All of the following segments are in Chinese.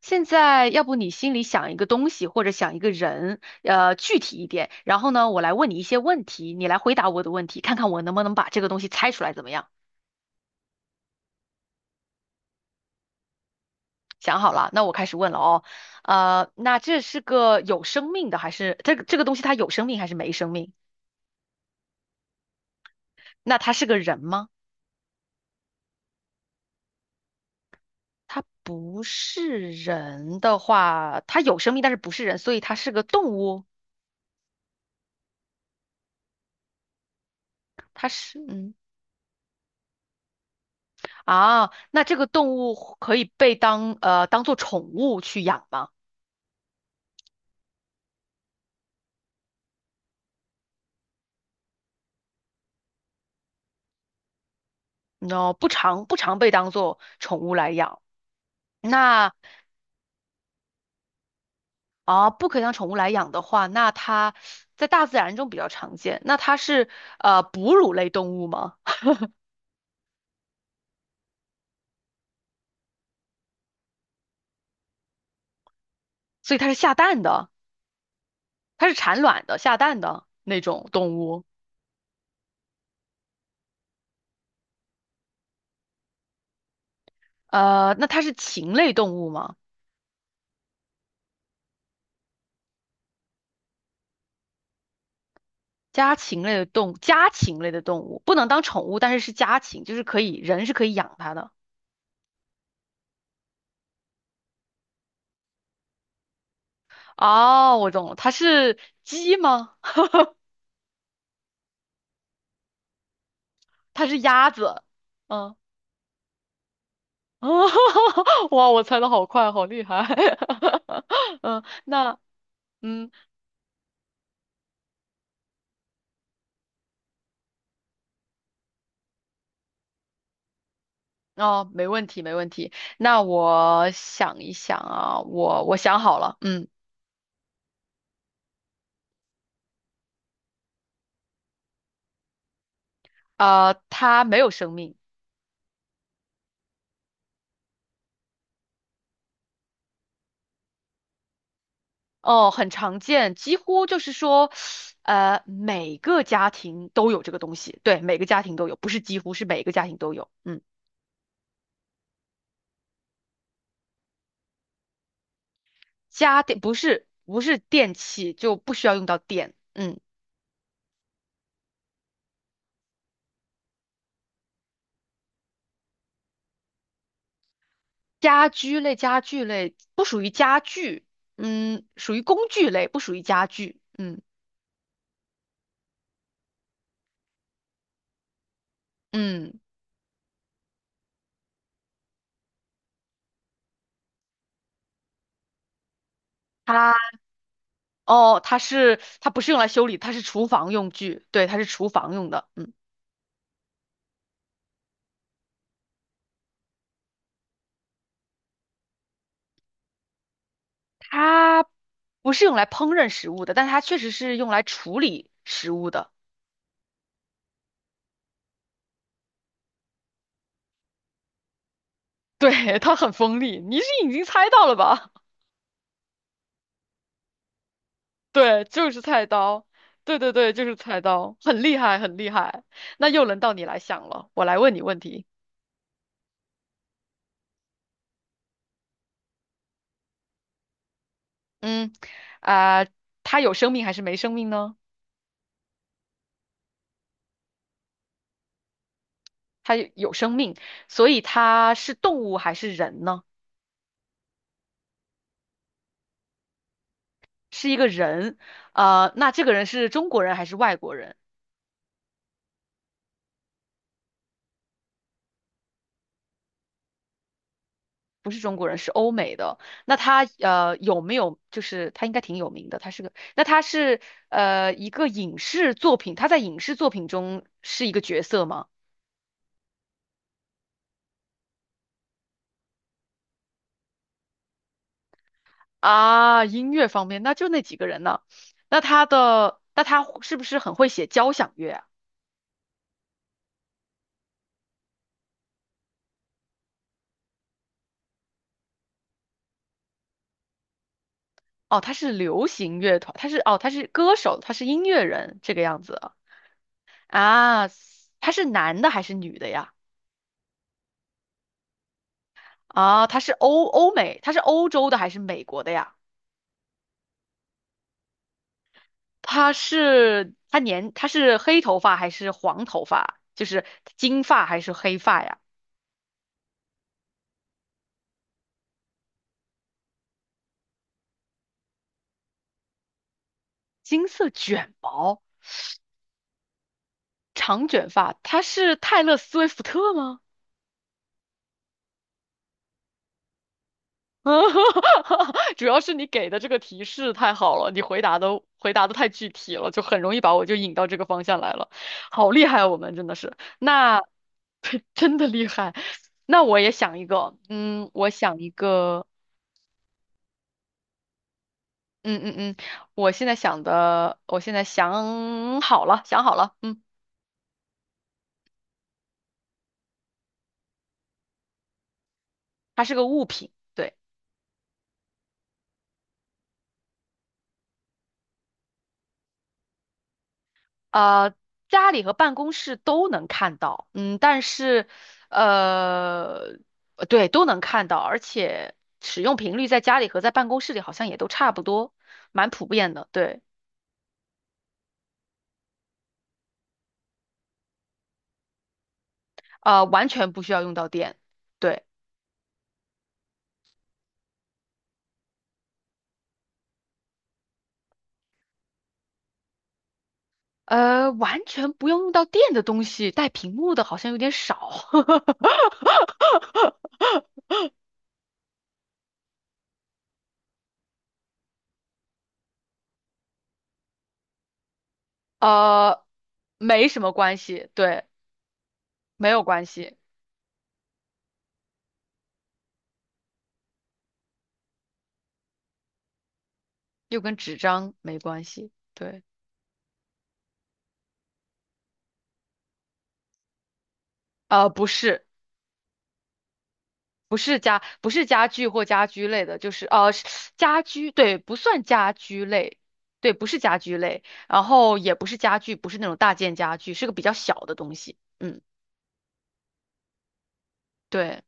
现在，要不你心里想一个东西或者想一个人，具体一点，然后呢，我来问你一些问题，你来回答我的问题，看看我能不能把这个东西猜出来，怎么样？想好了，那我开始问了哦。那这是个有生命的，还是这个东西它有生命还是没生命？那它是个人吗？它不是人的话，它有生命，但是不是人，所以它是个动物。它是，嗯，啊，那这个动物可以被当当做宠物去养吗？你知道不常被当做宠物来养。那啊，不可以当宠物来养的话，那它在大自然中比较常见。那它是哺乳类动物吗？所以它是下蛋的，它是产卵的、下蛋的那种动物。那它是禽类动物吗？家禽类的动物不能当宠物，但是是家禽，就是可以人是可以养它的。哦，我懂了，它是鸡吗？它是鸭子。嗯。哦，哇，我猜的好快，好厉害。嗯，那嗯，哦，没问题，没问题。那我想一想啊，我想好了，嗯，它没有生命，哦，很常见，几乎就是说，每个家庭都有这个东西，对，每个家庭都有，不是几乎，是每个家庭都有。嗯，家电不是电器，就不需要用到电。嗯。家具类不属于家具，嗯，属于工具类，不属于家具，嗯嗯，它哦，它不是用来修理，它是厨房用具，对，它是厨房用的，嗯，它不是用来烹饪食物的，但它确实是用来处理食物的，对，它很锋利，你是已经猜到了吧？对，就是菜刀，对对对，就是菜刀，很厉害，很厉害。那又轮到你来想了，我来问你问题。嗯，啊、他有生命还是没生命呢？有生命，所以他是动物还是人呢？是一个人，啊，那这个人是中国人还是外国人？不是中国人，是欧美的。那他有没有就是他应该挺有名的，他是个，那他是一个影视作品，他在影视作品中是一个角色吗？啊，音乐方面，那就那几个人呢？那他是不是很会写交响乐啊？哦，他是流行乐团，他是歌手，他是音乐人这个样子啊。啊他是男的还是女的呀？啊，他是欧欧美，他是欧洲的还是美国的呀？他是黑头发还是黄头发？就是金发还是黑发呀？金色卷毛，长卷发，他是泰勒·斯威夫特吗？主要是你给的这个提示太好了，你回答的回答的太具体了，很容易把我引到这个方向来了，好厉害啊，我们真的是，那 真的厉害。那我也想一个，嗯，我想一个，嗯嗯嗯，我现在想好了，想好了，嗯，它是个物品，对。呃，家里和办公室都能看到，嗯，但是，呃，对，都能看到，而且使用频率在家里和在办公室里好像也都差不多，蛮普遍的，对，完全不需要用到电，对，完全不用用到电的东西，带屏幕的好像有点少，呃，没什么关系，对，没有关系，又跟纸张没关系，对，不是。不是家具或家居类的，就是家居，对，不算家居类，对，不是家居类，然后也不是家具，不是那种大件家具，是个比较小的东西，嗯，对，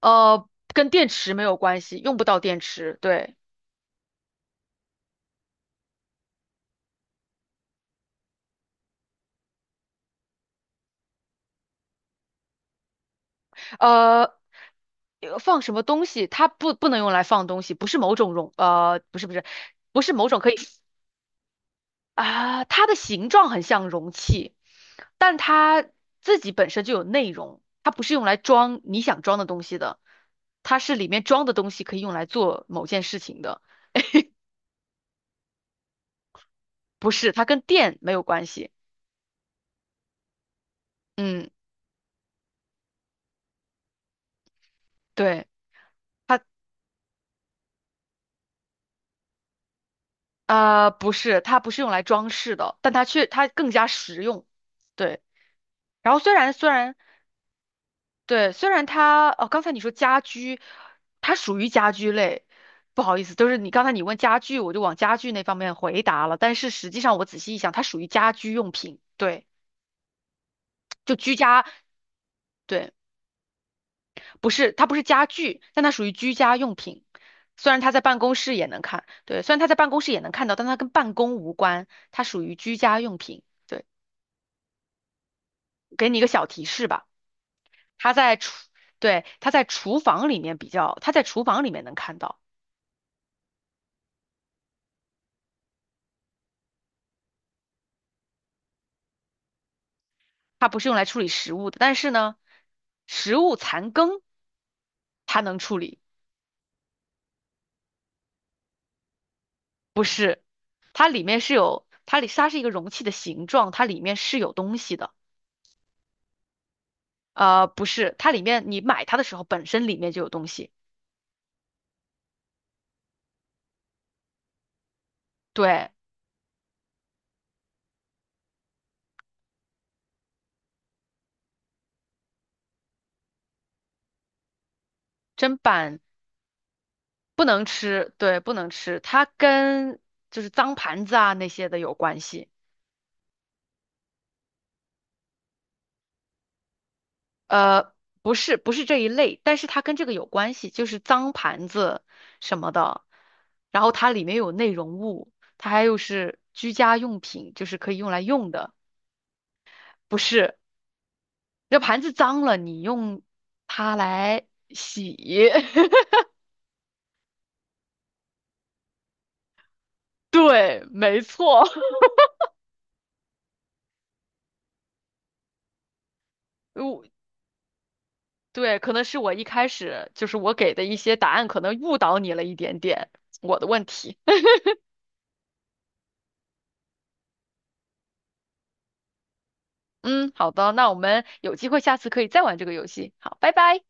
呃，跟电池没有关系，用不到电池，对，呃放什么东西？它不能用来放东西，不是某种容，呃，不是不是，不是某种可以。啊，它的形状很像容器，但它自己本身就有内容，它不是用来装你想装的东西的，它是里面装的东西可以用来做某件事情的，不是，它跟电没有关系。嗯，对，它不是，它不是用来装饰的，但它却它更加实用。对，然后虽然对，虽然它哦，刚才你说家居，它属于家居类，不好意思，就是你刚才你问家具，我就往家具那方面回答了，但是实际上我仔细一想，它属于家居用品，对，就居家，对，不是，它不是家具，但它属于居家用品。虽然它在办公室也能看，对，虽然它在办公室也能看到，但它跟办公无关，它属于居家用品。对，给你一个小提示吧，它在厨，对，它在厨房里面比较，它在厨房里面能看到。它不是用来处理食物的，但是呢，食物残羹它能处理，不是，它里它是一个容器的形状，它里面是有东西的，不是，它里面你买它的时候本身里面就有东西，对，砧板不能吃，对，不能吃，就是脏盘子啊那些的有关系。呃，不是这一类，但是它跟这个有关系，就是脏盘子什么的，然后它里面有内容物，它还有是居家用品，就是可以用来用的，不是，这盘子脏了，你用它来洗，对，没错，我对，可能是我一开始就是我给的一些答案可能误导你了一点点，我的问题，嗯，好的，那我们有机会下次可以再玩这个游戏，好，拜拜。